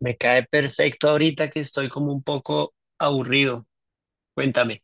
Me cae perfecto ahorita que estoy como un poco aburrido. Cuéntame.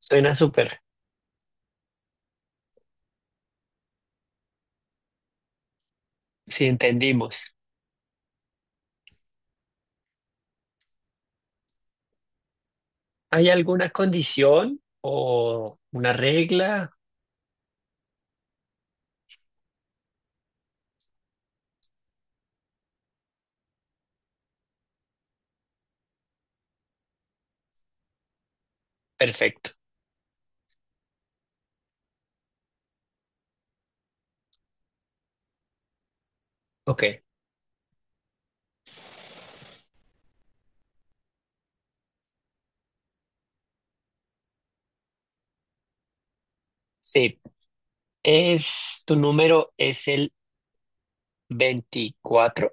Suena súper. Si entendimos. ¿Hay alguna condición o una regla? Perfecto. Ok. Sí. Tu número es el 24.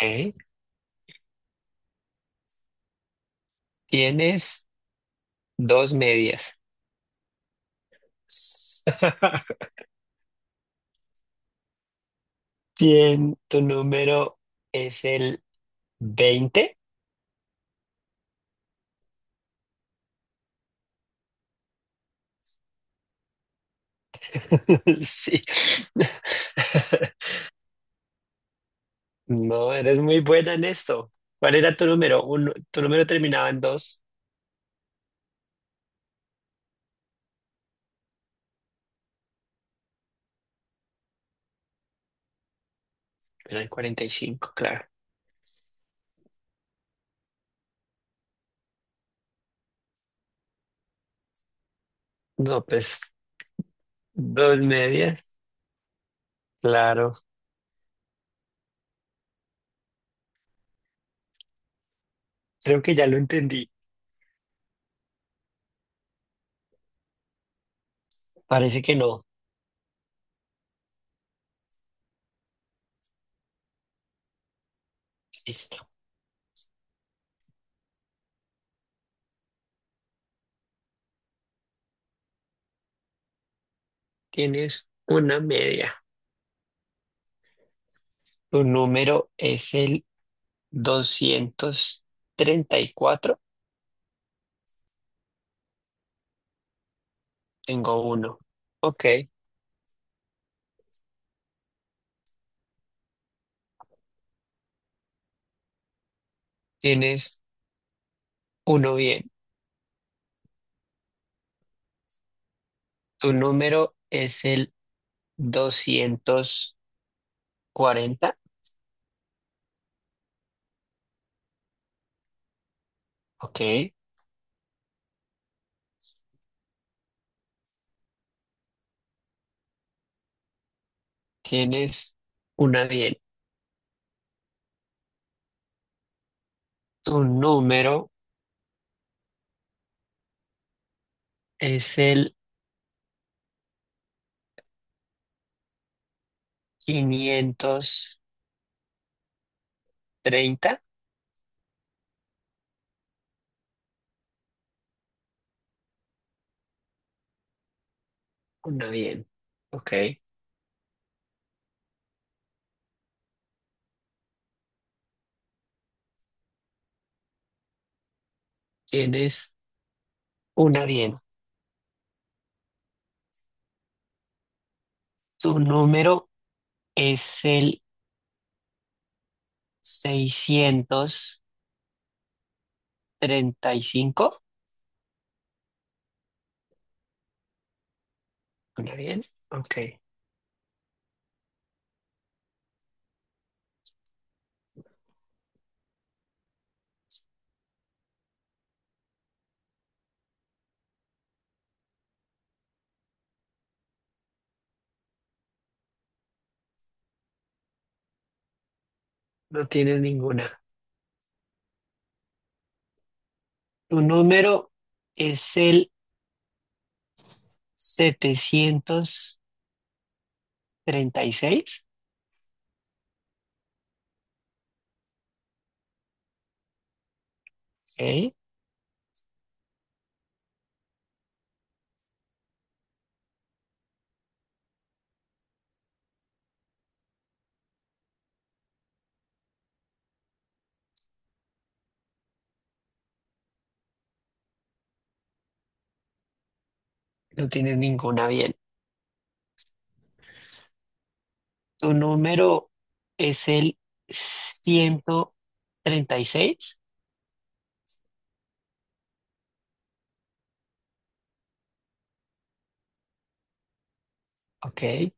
¿Eh? Tienes dos medias. Tu número es el 20. Sí. No, eres muy buena en esto. ¿Cuál era tu número? Uno, tu número terminaba en dos. Era el 45, claro. No, pues dos medias, claro. Creo que ya lo entendí. Parece que no. Listo. Tienes una media. Tu número es el 234. Tengo uno. Ok. Tienes uno bien. Tu número es el 240. Ok. Tienes una bien. Tu número es el 530. Una bien. Ok. Tienes una bien. Tu número es el 635. Una bien. Ok. No tienes ninguna. Tu número es el 736. Ok. No tienes ninguna bien. Tu número es el 136. Ok.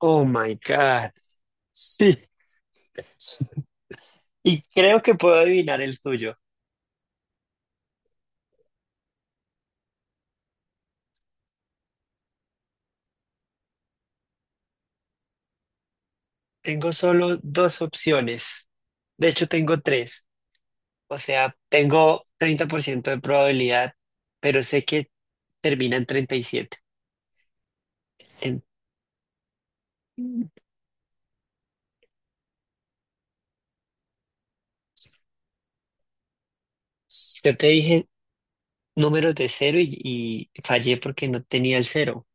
Oh my God. Sí. Y creo que puedo adivinar el tuyo. Tengo solo dos opciones. De hecho, tengo tres. O sea, tengo 30% de probabilidad, pero sé que termina en 37. En- Yo te dije números de cero y fallé porque no tenía el cero.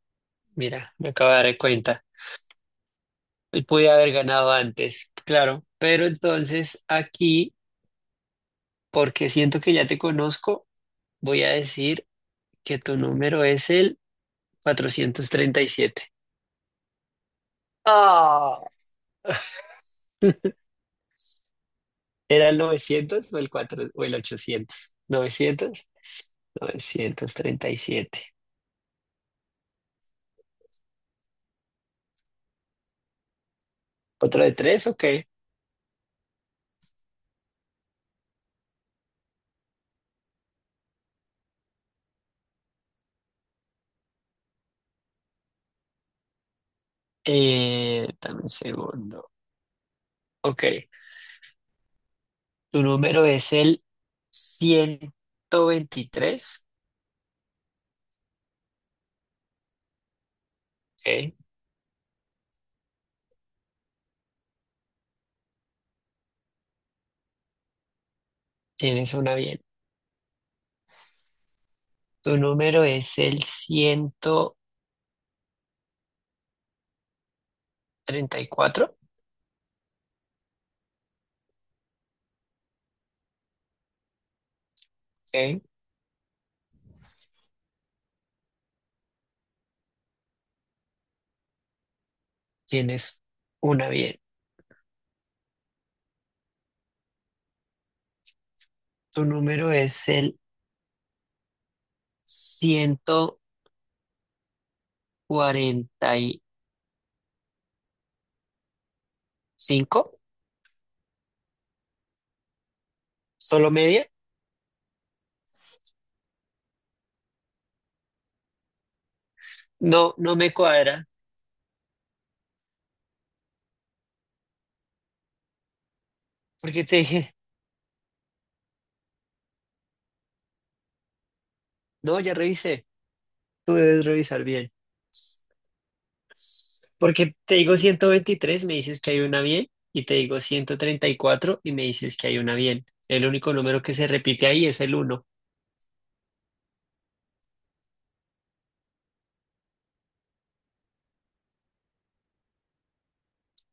Mira, me acabo de dar cuenta. Y pude haber ganado antes, claro. Pero entonces aquí, porque siento que ya te conozco, voy a decir que tu número es el 437. Ah, ¿Era el 900 o el 4 o el 800? ¿Novecientos? 937. ¿Otro de tres? Ok. Dame un segundo. Ok. Tu número es el 123. Ok. Tienes una bien. Tu número es el 134. Ok. Tienes una bien. Tu número es el 145. Solo media. No, no me cuadra, porque te dije, no, ya revisé, tú debes revisar bien. Porque te digo 123 me dices que hay una bien, y te digo 134 y me dices que hay una bien. El único número que se repite ahí es el uno.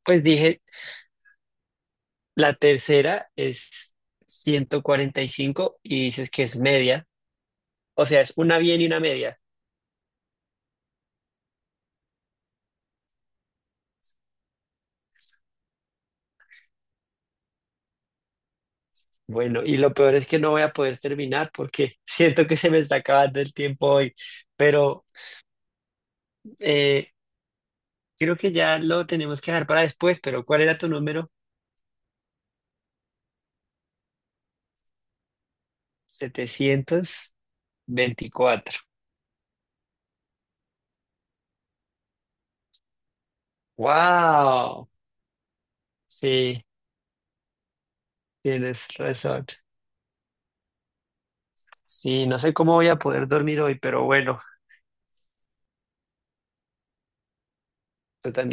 Pues dije, la tercera es 145 y dices que es media, o sea, es una bien y una media. Bueno, y lo peor es que no voy a poder terminar porque siento que se me está acabando el tiempo hoy, pero eh, creo que ya lo tenemos que dejar para después, pero ¿cuál era tu número? 724. ¡Wow! Sí, tienes razón. Sí, no sé cómo voy a poder dormir hoy, pero bueno, tú también.